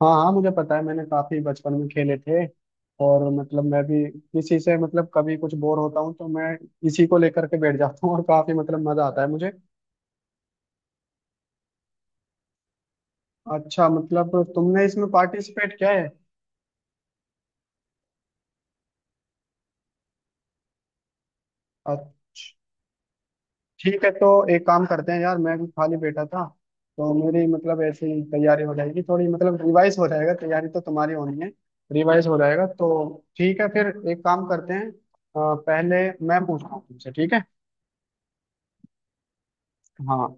हाँ हाँ मुझे पता है, मैंने काफी बचपन में खेले थे। और मतलब मैं भी इसी से, मतलब कभी कुछ बोर होता हूँ तो मैं इसी को लेकर के बैठ जाता हूँ और काफी मतलब मजा आता है मुझे। अच्छा, मतलब तुमने इसमें पार्टिसिपेट किया है। अच्छा, ठीक है। तो एक काम करते हैं यार, मैं भी खाली बैठा था तो मेरी मतलब ऐसे ही तैयारी हो जाएगी, थोड़ी मतलब रिवाइज हो जाएगा। तैयारी तो तुम्हारी होनी है, रिवाइज हो जाएगा तो। ठीक है, फिर एक काम करते हैं। पहले मैं पूछता हूँ तुमसे, ठीक है। हाँ,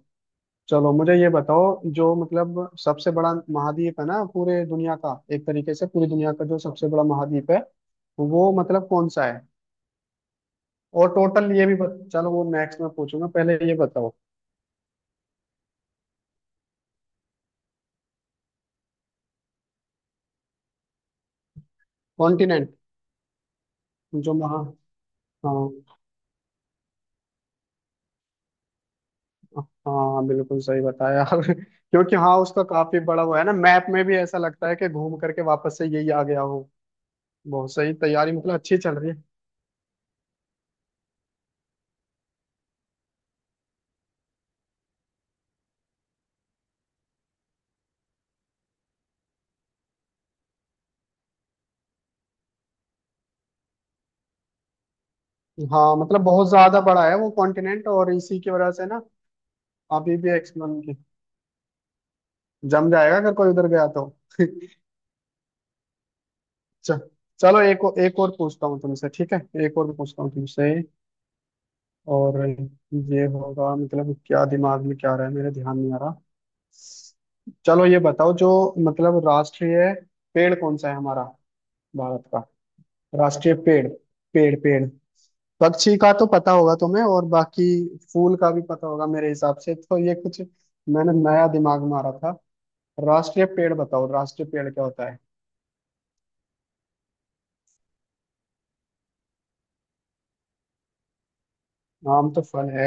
चलो मुझे ये बताओ, जो मतलब सबसे बड़ा महाद्वीप है ना पूरे दुनिया का, एक तरीके से पूरी दुनिया का जो सबसे बड़ा महाद्वीप है वो मतलब कौन सा है। और टोटल ये भी चलो वो नेक्स्ट में पूछूंगा, पहले ये बताओ। कॉन्टिनेंट। जो महा, हाँ हाँ बिल्कुल सही बताया। क्योंकि हाँ उसका काफी बड़ा वो है ना, मैप में भी ऐसा लगता है कि घूम करके वापस से यही आ गया हो। बहुत सही, तैयारी मतलब अच्छी चल रही है। हाँ, मतलब बहुत ज्यादा बड़ा है वो कॉन्टिनेंट, और इसी की वजह से ना अभी भी एक्सप्लोर। जम जाएगा अगर कोई उधर गया तो। च- चलो एक और, एक और पूछता हूँ तुमसे, ठीक है। एक और पूछता हूँ तुमसे। और ये होगा मतलब, क्या दिमाग में क्या आ रहा है मेरे, ध्यान नहीं आ रहा। चलो ये बताओ जो मतलब राष्ट्रीय पेड़ कौन सा है हमारा, भारत का राष्ट्रीय पेड़। पेड़ पक्षी का तो पता होगा तुम्हें और बाकी फूल का भी पता होगा मेरे हिसाब से, तो ये कुछ मैंने नया दिमाग मारा था। राष्ट्रीय पेड़ बताओ, राष्ट्रीय पेड़ क्या होता है। नाम तो फन है।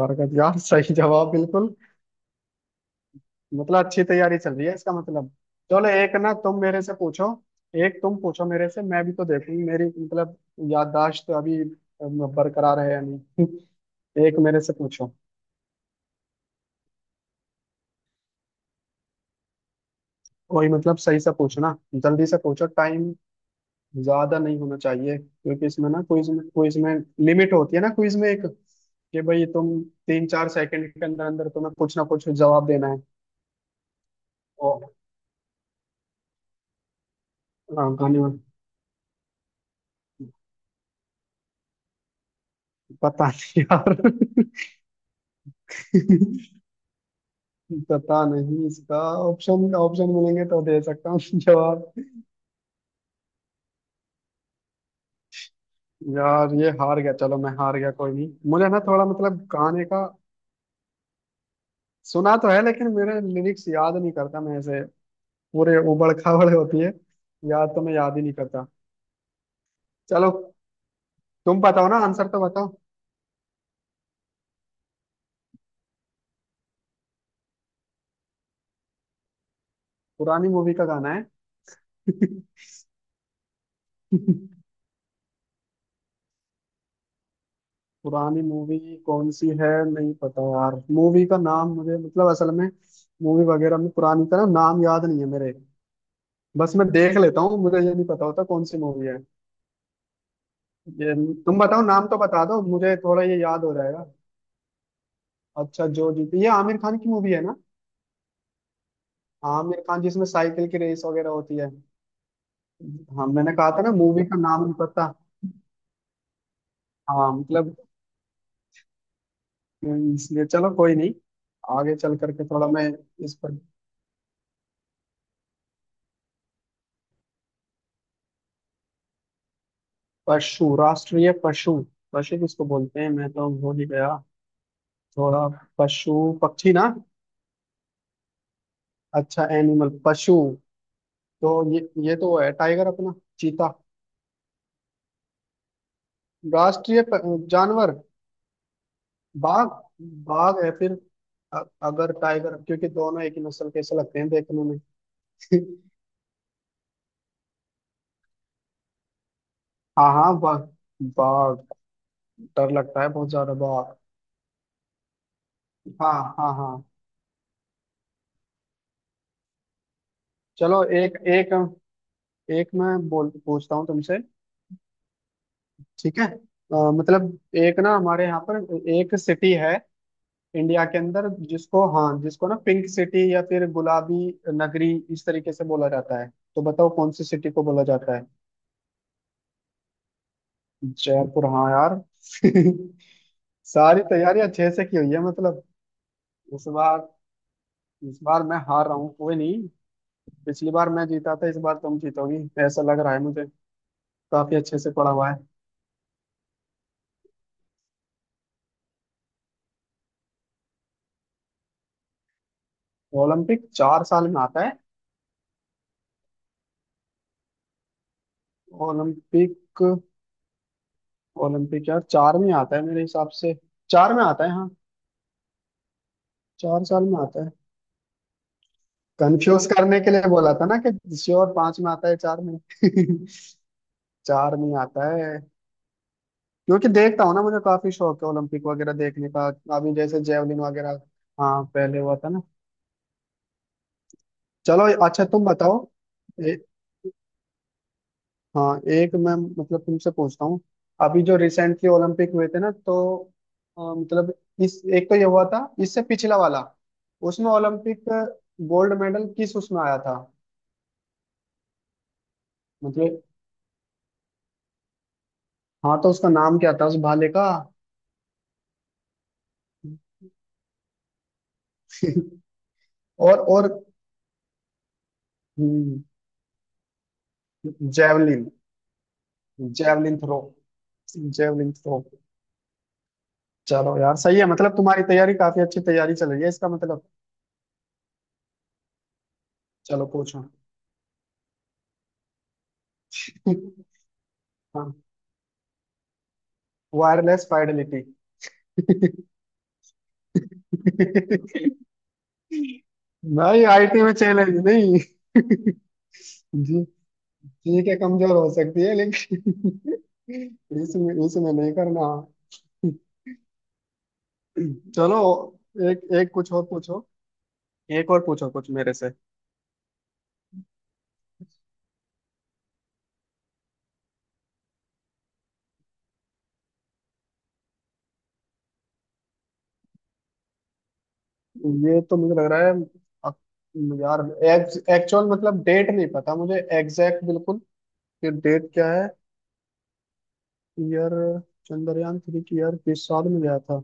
बरगद, यार सही जवाब बिल्कुल। मतलब अच्छी तैयारी चल रही है इसका मतलब। चलो एक ना तुम मेरे से पूछो। एक तुम पूछो मेरे से, मैं भी तो देखूंगी मेरी मतलब याददाश्त अभी बरकरार है या नहीं। एक मेरे से पूछो। कोई मतलब सही से पूछो ना, जल्दी से पूछो। टाइम ज्यादा नहीं होना चाहिए क्योंकि इसमें ना क्विज में, क्विज में लिमिट होती है ना, क्विज में एक कि भाई तुम 3 4 सेकंड के अंदर अंदर तुम्हें कुछ ना कुछ जवाब देना है। ओ, हाँ, धन्यवाद। पता नहीं यार। पता नहीं इसका। ऑप्शन ऑप्शन मिलेंगे तो दे सकता हूँ। जवाब यार, ये हार गया, चलो मैं हार गया कोई नहीं। मुझे ना थोड़ा मतलब गाने का, सुना तो है लेकिन मेरे लिरिक्स याद नहीं करता मैं ऐसे, पूरे उबड़ खाबड़ होती है। याद तो मैं याद ही नहीं करता। चलो तुम बताओ ना, आंसर तो बताओ। पुरानी मूवी का गाना है। पुरानी मूवी कौन सी है? नहीं पता यार, मूवी का नाम मुझे मतलब असल में मूवी वगैरह में पुरानी का ना नाम याद नहीं है मेरे। बस मैं देख लेता हूँ, मुझे ये नहीं पता होता कौन सी मूवी है। ये तुम बताओ नाम तो, बता दो मुझे थोड़ा, ये याद हो रहा है। अच्छा जो जीती, ये आमिर खान की मूवी है ना। आमिर खान जिसमें साइकिल की रेस वगैरह होती है। हाँ मैंने कहा था ना मूवी का नाम नहीं पता। हाँ मतलब, इसलिए चलो कोई नहीं। आगे चल करके थोड़ा मैं इस पर। पशु, राष्ट्रीय पशु, पशु किसको बोलते हैं मैं तो भूल ही गया थोड़ा। पशु, पक्षी ना। अच्छा एनिमल, पशु। तो ये तो है टाइगर अपना, चीता। राष्ट्रीय प- जानवर। बाघ, बाघ है फिर। अगर टाइगर, क्योंकि दोनों एक ही नस्ल के ऐसे लगते हैं देखने में। हाँ हाँ बाघ, बाघ। डर लगता है बहुत ज्यादा बाघ। हाँ, हाँ हाँ। चलो एक एक, एक मैं बोल पूछता हूँ तुमसे, ठीक है। मतलब एक ना हमारे यहाँ पर एक सिटी है इंडिया के अंदर जिसको, हाँ जिसको ना पिंक सिटी या फिर गुलाबी नगरी इस तरीके से बोला जाता है। तो बताओ कौन सी सिटी को बोला जाता है। जयपुर, हाँ यार। सारी तैयारियां अच्छे से की हुई है मतलब। इस बार, इस बार मैं हार रहा हूँ कोई नहीं। पिछली बार मैं जीता था, इस बार तुम जीतोगी ऐसा लग रहा है मुझे। काफी अच्छे से पढ़ा हुआ है। ओलंपिक 4 साल में आता है। ओलंपिक, ओलंपिक यार चार में आता है मेरे हिसाब से, चार में आता है हाँ। चार साल में आता है। कंफ्यूज करने के लिए बोला था ना कि श्योर, पांच में आता है, चार में। चार में आता है। क्योंकि देखता हूँ ना, मुझे काफी शौक है ओलंपिक वगैरह देखने का। अभी जैसे जेवलिन वगैरह, हाँ पहले हुआ था ना। चलो, अच्छा तुम बताओ। ए, हाँ एक मैं मतलब तुमसे पूछता हूँ। अभी जो रिसेंटली ओलंपिक हुए थे ना तो मतलब इस, एक तो ये हुआ था इससे पिछला वाला, उसमें ओलंपिक गोल्ड मेडल किस, उसमें आया था, मतलब। हाँ तो उसका नाम क्या था उस भाले का। और और। हम्म, javelin, javelin throw, javelin throw. चलो यार सही है मतलब, तुम्हारी तैयारी काफी अच्छी, तैयारी चल रही है इसका मतलब। चलो पूछो। हाँ, वायरलेस फाइडेलिटी। भाई आईटी में चैलेंज नहीं। जी ठीक है, कमजोर हो सकती है लेकिन इसमें, इसमें नहीं करना। चलो एक एक कुछ और पूछो, एक और पूछो कुछ मेरे से। ये तो मुझे लग रहा है अ- यार, एक्चुअल मतलब डेट नहीं पता मुझे एग्जैक्ट बिल्कुल कि डेट क्या है। ईयर। चंद्रयान थ्री की ईयर किस साल में गया था।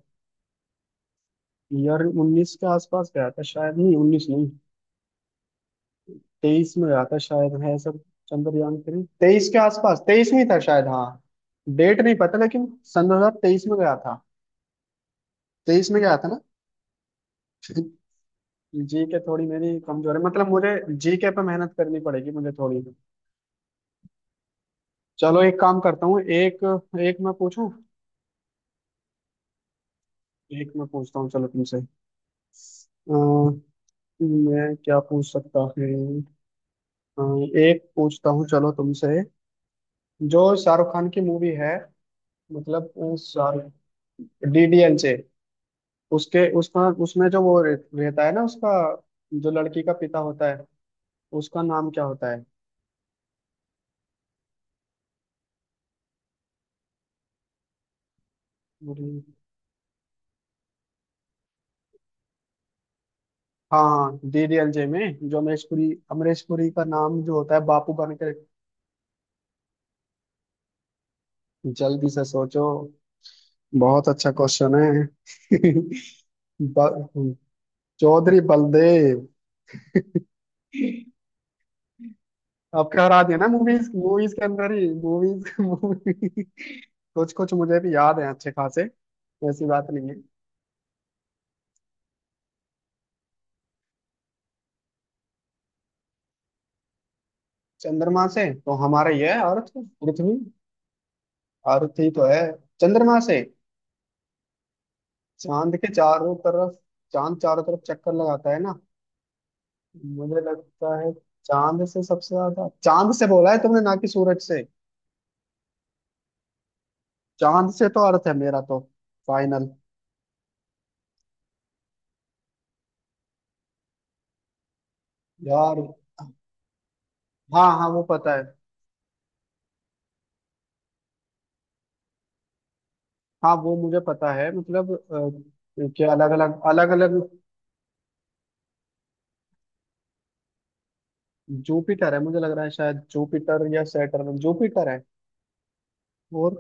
ईयर 19 के आसपास गया था शायद, नहीं 19 नहीं, 23 में गया था शायद है सब। चंद्रयान थ्री 23 के आसपास, 23 में ही था शायद हाँ, डेट नहीं पता लेकिन। सन 2023 में गया था। तेईस में गया था ना। जी के थोड़ी मेरी कमजोर है मतलब, मुझे जी के पे मेहनत करनी पड़ेगी मुझे थोड़ी। चलो एक काम करता हूँ, एक, एक मैं पूछूं, एक मैं पूछता हूँ चलो तुमसे। अ, मैं क्या पूछ सकता हूँ। हाँ, एक पूछता हूँ चलो तुमसे। जो शाहरुख खान की मूवी है, मतलब शाहरुख, डीडीएल से, उसके उसका उसमें जो वो रहता है ना, उसका जो लड़की का पिता होता है उसका नाम क्या होता है। मुझे- हाँ हाँ DDLJ में जो अमरीश पुरी, अमरीश पुरी का नाम जो होता है बापू बनकर। जल्दी से सोचो, बहुत अच्छा क्वेश्चन है। ब- चौधरी बलदेव। आपका हरा दिया ना, मूवीज मूवीज के अंदर ही, मूवीज मूवी कुछ कुछ मुझे भी याद है अच्छे खासे। ऐसी बात नहीं है। चंद्रमा से तो हमारा ये है, अर्थ, पृथ्वी। अर्थ ही तो है। चंद्रमा से, चांद के चारों तरफ, चांद चारों तरफ चक्कर लगाता है ना, मुझे लगता है। चांद से सबसे ज्यादा, चांद से बोला है तुमने ना कि सूरज से। चांद से तो अर्थ है मेरा तो, फाइनल। यार, हाँ हाँ वो पता है। हाँ वो मुझे पता है मतलब। क्या अलग अलग, अलग अलग, जुपिटर है मुझे लग रहा है शायद, जुपिटर या सैटर्न, जुपिटर है। और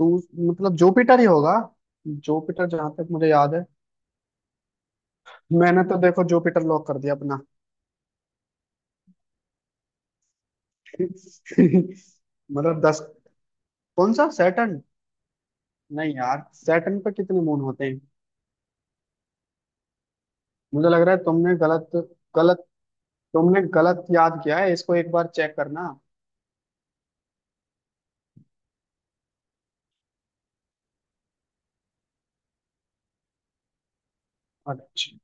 दूस मतलब जुपिटर ही होगा जुपिटर, जहां तक मुझे याद है। मैंने तो देखो जुपिटर लॉक कर दिया अपना। मतलब दस, कौन सा सैटर्न? नहीं यार सैटर्न पे कितने मून होते हैं? मुझे लग रहा है तुमने गलत, गलत, तुमने गलत याद किया है इसको एक बार चेक करना। अच्छा,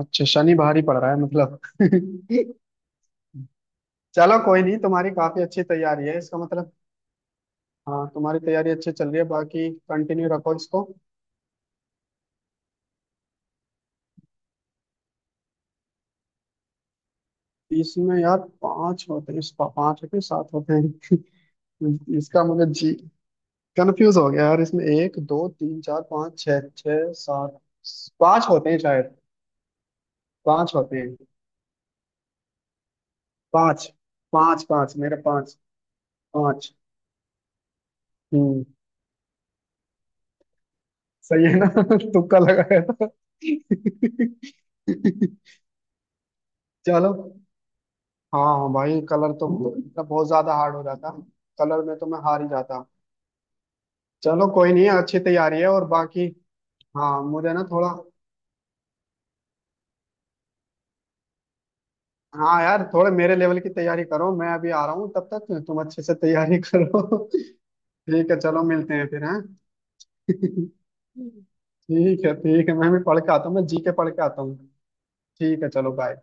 अच्छा शनि भारी पड़ रहा है मतलब। चलो कोई नहीं, तुम्हारी काफी अच्छी तैयारी है इसका मतलब। हाँ तुम्हारी तैयारी अच्छी चल रही है, बाकी कंटिन्यू रखो इसको। इसमें यार 5 होते हैं, 5 होते हैं, 7 होते हैं। इसका मुझे जी कंफ्यूज हो गया यार, इसमें 1 2 3 4 5 6, 6 7। पांच होते हैं शायद। 5 होते हैं, पांच, पांच पांच मेरे 5, पांच। हम्म। सही है ना। तुक्का लगाया था। चलो, हाँ हाँ भाई कलर तो मतलब बहुत ज्यादा हार्ड हो जाता। कलर में तो मैं हार ही जाता। चलो कोई नहीं, अच्छी तैयारी है और बाकी। हाँ मुझे ना थोड़ा, हाँ यार थोड़े मेरे लेवल की तैयारी करो, मैं अभी आ रहा हूँ तब तक तुम अच्छे से तैयारी करो। ठीक है चलो मिलते हैं फिर, हाँ। ठीक है, ठीक है मैं भी पढ़ के आता हूँ, मैं जी के पढ़ के आता हूँ। ठीक है चलो बाय।